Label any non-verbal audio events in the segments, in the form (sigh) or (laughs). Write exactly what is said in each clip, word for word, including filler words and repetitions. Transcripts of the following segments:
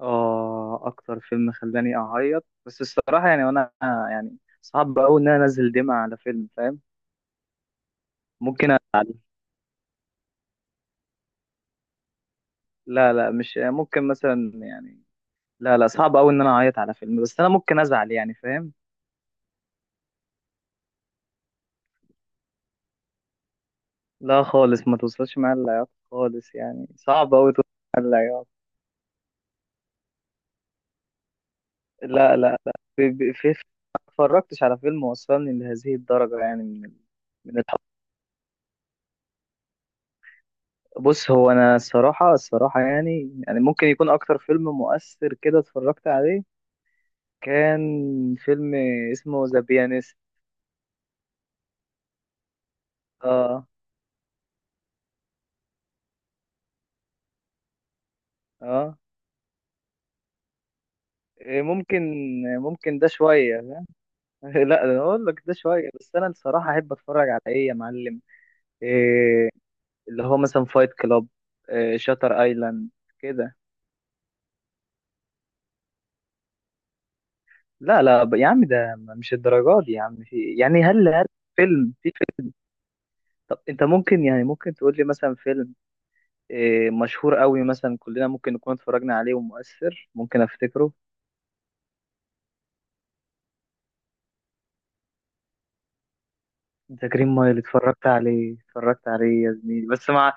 اه، اكتر فيلم خلاني اعيط، بس الصراحه يعني، وانا يعني صعب قوي ان انا انزل دمعه على فيلم، فاهم؟ ممكن أ... لا لا، مش ممكن مثلا يعني. لا لا، صعب قوي ان انا اعيط على فيلم، بس انا ممكن ازعل يعني، فاهم؟ لا خالص، ما توصلش معايا العياط خالص، يعني صعب قوي توصل معايا العياط. لا لا لا، ب... ب... في في- ما اتفرجتش على فيلم وصلني لهذه الدرجه، يعني من ال... من الحب. بص، هو انا الصراحه الصراحه يعني يعني ممكن يكون اكتر فيلم مؤثر كده اتفرجت عليه، كان فيلم اسمه ذا بيانست. اه، اه، إيه، ممكن. ممكن ده شوية (laughs) لا، انا اقول لك ده شوية، بس انا الصراحة احب اتفرج على ايه يا معلم؟ إيه، اللي هو مثلا فايت كلاب، إيه، شاتر ايلاند، كده. لا لا، ب- يا عم، ده مش الدرجات دي يا عم، في يعني، هل هل فيلم في فيلم؟ طب انت ممكن يعني، ممكن تقول لي مثلا فيلم إيه مشهور قوي، مثلا كلنا ممكن نكون اتفرجنا عليه ومؤثر، ممكن افتكره؟ ذا جرين مايل اتفرجت عليه، اتفرجت عليه يا زميلي بس مع...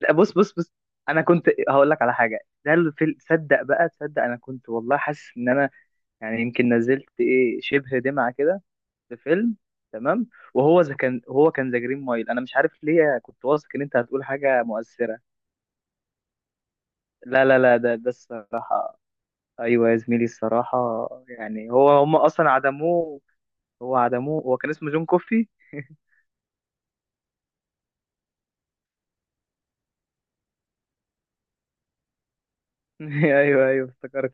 لا، بص بص بص، انا كنت هقول لك على حاجه. ده الفيلم، صدق بقى، تصدق انا كنت والله حاسس ان انا يعني يمكن نزلت ايه شبه دمعه كده في فيلم، تمام؟ وهو ذا كان هو كان ذا جرين مايل، انا مش عارف ليه كنت واثق ان انت هتقول حاجه مؤثره. لا لا لا، ده ده الصراحه. ايوه يا زميلي، الصراحه يعني، هو هم اصلا عدموه، هو عدموه، هو كان اسمه جون كوفي (laughs) ايوه ايوه، افتكرت.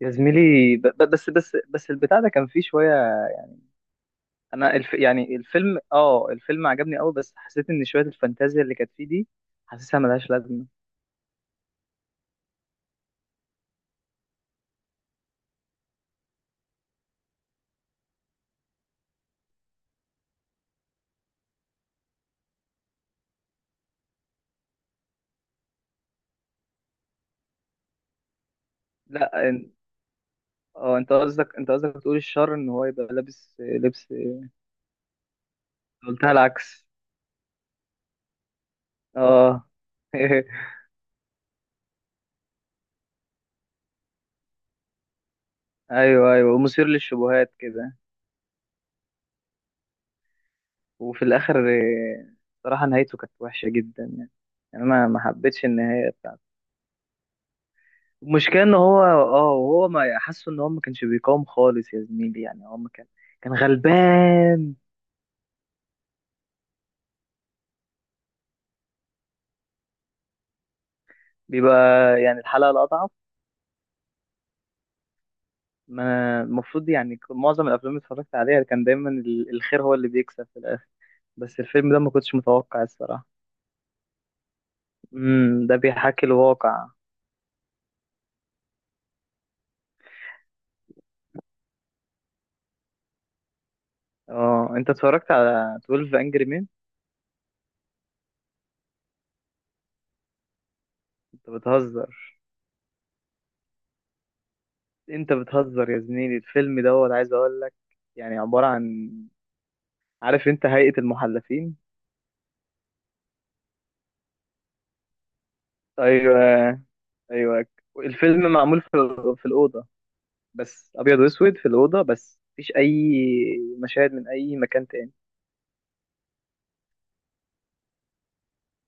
يا زميلي، ب- ب- بس بس بس البتاع ده كان فيه شوية. انا الف يعني الفيلم اه الفيلم عجبني قوي، بس حسيت ان شوية الفانتازيا اللي كانت فيه دي حاسسها ملهاش لازمة. لا إن- اه، انت قصدك انت قصدك تقول الشر ان هو يبقى لابس لبس، قلتها العكس، اه (laughs) ايوه ايوه، ومثير للشبهات كده. وفي الاخر آه، صراحة نهايته كانت وحشة جدا يعني، يعني انا ما حبيتش النهاية. المشكلة ان هو اه هو ما حاسه ان هو ما كانش بيقاوم خالص يا زميلي، يعني هو ما كان كان غلبان، بيبقى يعني الحلقة الأضعف. ما أنا المفروض يعني، ك- معظم الأفلام اللي اتفرجت عليها كان دايما ال- الخير هو اللي بيكسب في الآخر، بس الفيلم ده ما كنتش متوقع الصراحة. امم ده بيحكي الواقع. اه، انت اتفرجت على اثنا عشر انجري مين؟ انت بتهزر، انت بتهزر يا زميلي، الفيلم دوت عايز اقول لك، يعني عبارة عن، عارف انت هيئة المحلفين؟ ايوه ايوه. الفيلم معمول في في الاوضه، بس ابيض واسود في الاوضه، بس مفيش اي مشاهد من اي مكان تاني.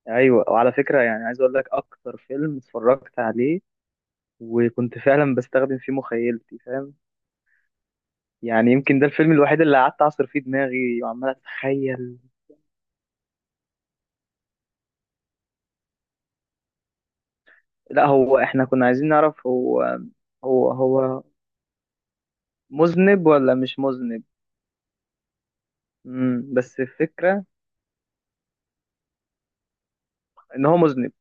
ايوه، وعلى فكره يعني عايز اقول لك اكتر فيلم اتفرجت عليه وكنت فعلا بستخدم فيه مخيلتي، فاهم؟ يعني يمكن ده الفيلم الوحيد اللي قعدت اعصر فيه دماغي وعمال اتخيل. لا، هو احنا كنا عايزين نعرف هو هو هو مذنب ولا مش مذنب. امم بس الفكره ان هو مذنب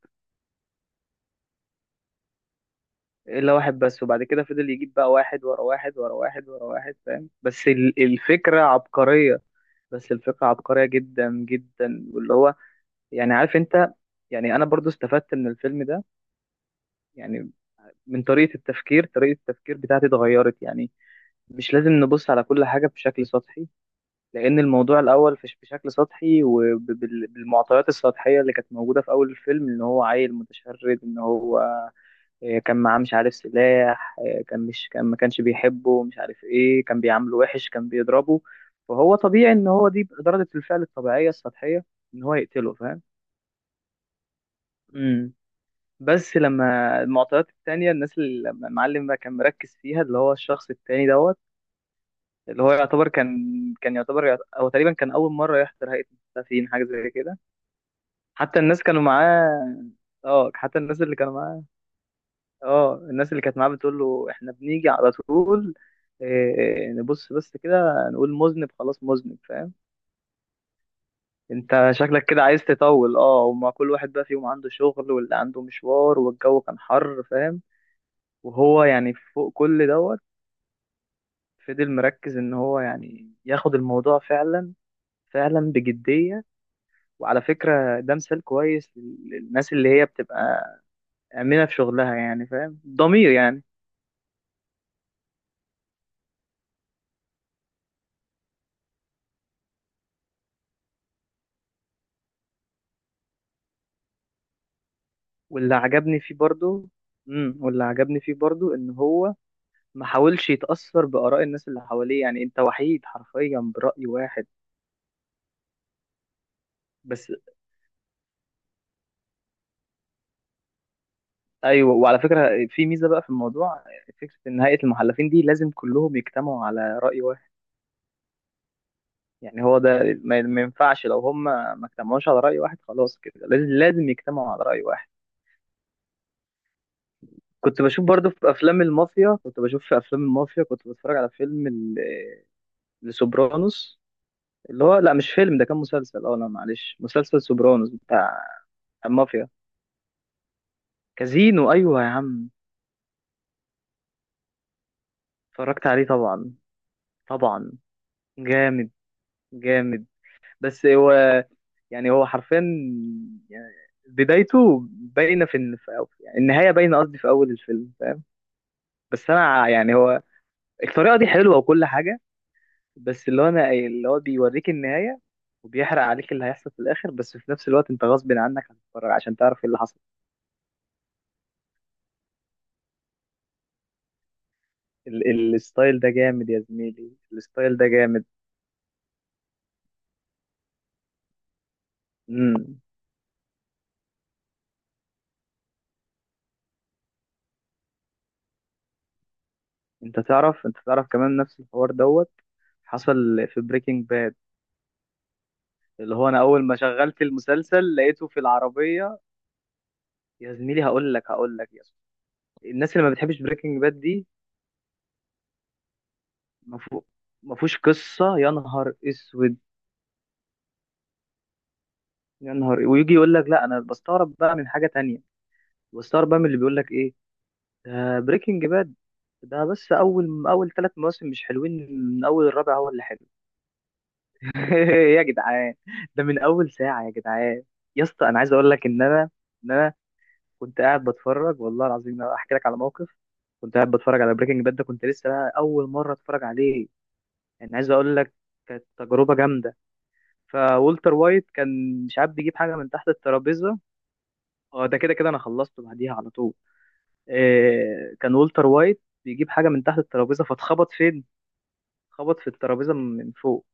الا واحد بس، وبعد كده فضل يجيب بقى واحد ورا واحد ورا واحد ورا واحد، فاهم؟ بس ال- الفكرة عبقرية، بس الفكرة عبقرية جدا جدا، واللي هو، يعني عارف انت، يعني انا برضو استفدت من الفيلم ده، يعني من طريقة التفكير طريقة التفكير بتاعتي اتغيرت يعني، مش لازم نبص على كل حاجة بشكل سطحي. لان الموضوع الاول فش- بشكل سطحي وبالمعطيات السطحية اللي كانت موجودة في اول الفيلم، ان هو عيل متشرد، ان هو إيه، كان معاه مش عارف سلاح إيه، كان مش كان، ما كانش بيحبه، مش عارف ايه، كان بيعامله وحش، كان بيضربه، فهو طبيعي ان هو دي ردة الفعل الطبيعية السطحية ان هو يقتله، فاهم؟ امم بس لما المعطيات التانية، الناس اللي لما المعلم بقى كان مركز فيها اللي هو الشخص التاني دوت، اللي هو يعتبر كان، كان يعتبر يعت- هو تقريبا كان أول مرة يحضر هيئة المستضعفين حاجة زي كده. حتى الناس كانوا معاه، اه حتى الناس اللي كانوا معاه، اه الناس اللي كانت معاه بتقول له احنا بنيجي على طول، إيه نبص بس كده نقول مذنب خلاص مذنب، فاهم؟ انت شكلك كده عايز تطول، اه، وما كل واحد بقى فيهم عنده شغل، واللي عنده مشوار، والجو كان حر، فاهم؟ وهو يعني فوق كل دوت فضل مركز ان هو يعني ياخد الموضوع فعلا، فعلا بجدية. وعلى فكرة ده مثال كويس للناس اللي هي بتبقى آمنة في شغلها، يعني فاهم، ضمير يعني. واللي عجبني فيه برضو امم واللي عجبني فيه برضو ان هو ما حاولش يتأثر بآراء الناس اللي حواليه، يعني انت وحيد حرفيا برأي واحد، بس. ايوه، وعلى فكرة في ميزة بقى في الموضوع، فكرة ان هيئة المحلفين دي لازم كلهم يجتمعوا على رأي واحد، يعني هو ده ما ما ينفعش، لو هم ما اجتمعوش على رأي واحد خلاص كده، لازم لازم يجتمعوا على رأي واحد. كنت بشوف برضو في افلام المافيا كنت بشوف في افلام المافيا، كنت بتفرج على فيلم ال- لسوبرانوس، اللي هو، لا مش فيلم، ده كان مسلسل، اه لا معلش، مسلسل سوبرانوس بتاع المافيا. كازينو، ايوه يا عم، اتفرجت عليه طبعا، طبعا، جامد، جامد. بس هو، يعني هو حرفيا يعني بدايته باينه في الن- في أو- يعني النهايه باينه قصدي، في اول الفيلم، فاهم؟ بس انا يعني هو، الطريقه دي حلوه وكل حاجه، بس اللي هو انا، اللي هو بيوريك النهايه وبيحرق عليك اللي هيحصل في الاخر، بس في نفس الوقت انت غصب عنك هتتفرج عشان تعرف ايه اللي حصل. ال- ال- الستايل ده جامد يا زميلي، الستايل ده جامد. مم. انت تعرف، انت تعرف كمان نفس الحوار دوت حصل في بريكنج باد، اللي هو انا اول ما شغلت المسلسل لقيته في العربية. يا زميلي هقول لك هقول لك يا زميلي. الناس اللي ما بتحبش بريكنج باد دي مفهو- مفهوش قصة، يا نهار اسود، يا نهار. ويجي يقول لك لا، انا بستغرب بقى من حاجة تانية، بستغرب بقى من اللي بيقول لك ايه، ده بريكنج باد، ده بس اول اول ثلاث مواسم مش حلوين، من اول الرابع هو اللي حلو (laughs) يا جدعان، ده من اول ساعه يا جدعان. يا اسطى انا عايز اقول لك ان انا، ان انا كنت قاعد بتفرج، والله العظيم، أنا احكي لك على موقف. كنت قاعد بتفرج على بريكنج باد، ده كنت لسه بقى اول مره اتفرج عليه، يعني عايز اقول لك كانت تجربه جامده. فولتر وايت كان، مش عارف بيجيب حاجه من تحت الترابيزه، اه ده كده كده انا خلصته بعديها على طول. إيه كان والتر وايت بيجيب حاجه من تحت الترابيزه فاتخبط فين، خبط في الترابيزه من فوق.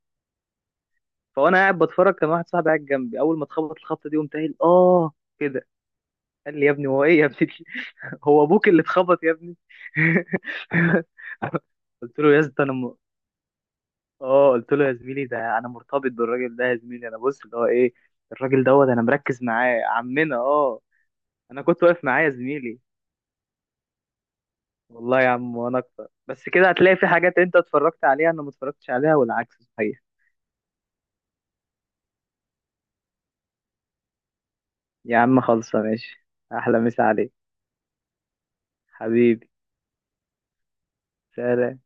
فانا قاعد بتفرج، كان واحد صاحبي قاعد جنبي، اول ما اتخبط الخبطه دي قمت قايل اه كده. قال لي: يا ابني هو ايه يا ابني؟ (laughs) هو ابوك اللي اتخبط يا ابني؟ (laughs) قلت له يا اسطى انا م... اه، قلت له يا زميلي، ده انا مرتبط بالراجل ده يا زميلي، انا بص اللي هو ايه، الراجل دوت انا مركز معاه، عمنا اه. انا كنت واقف معاه يا زميلي. والله يا عم، وانا اكتر، بس كده هتلاقي في حاجات انت اتفرجت عليها انا ما اتفرجتش عليها، والعكس صحيح. يا عم خلصه ماشي. احلى مسا عليك، حبيبي، سلام.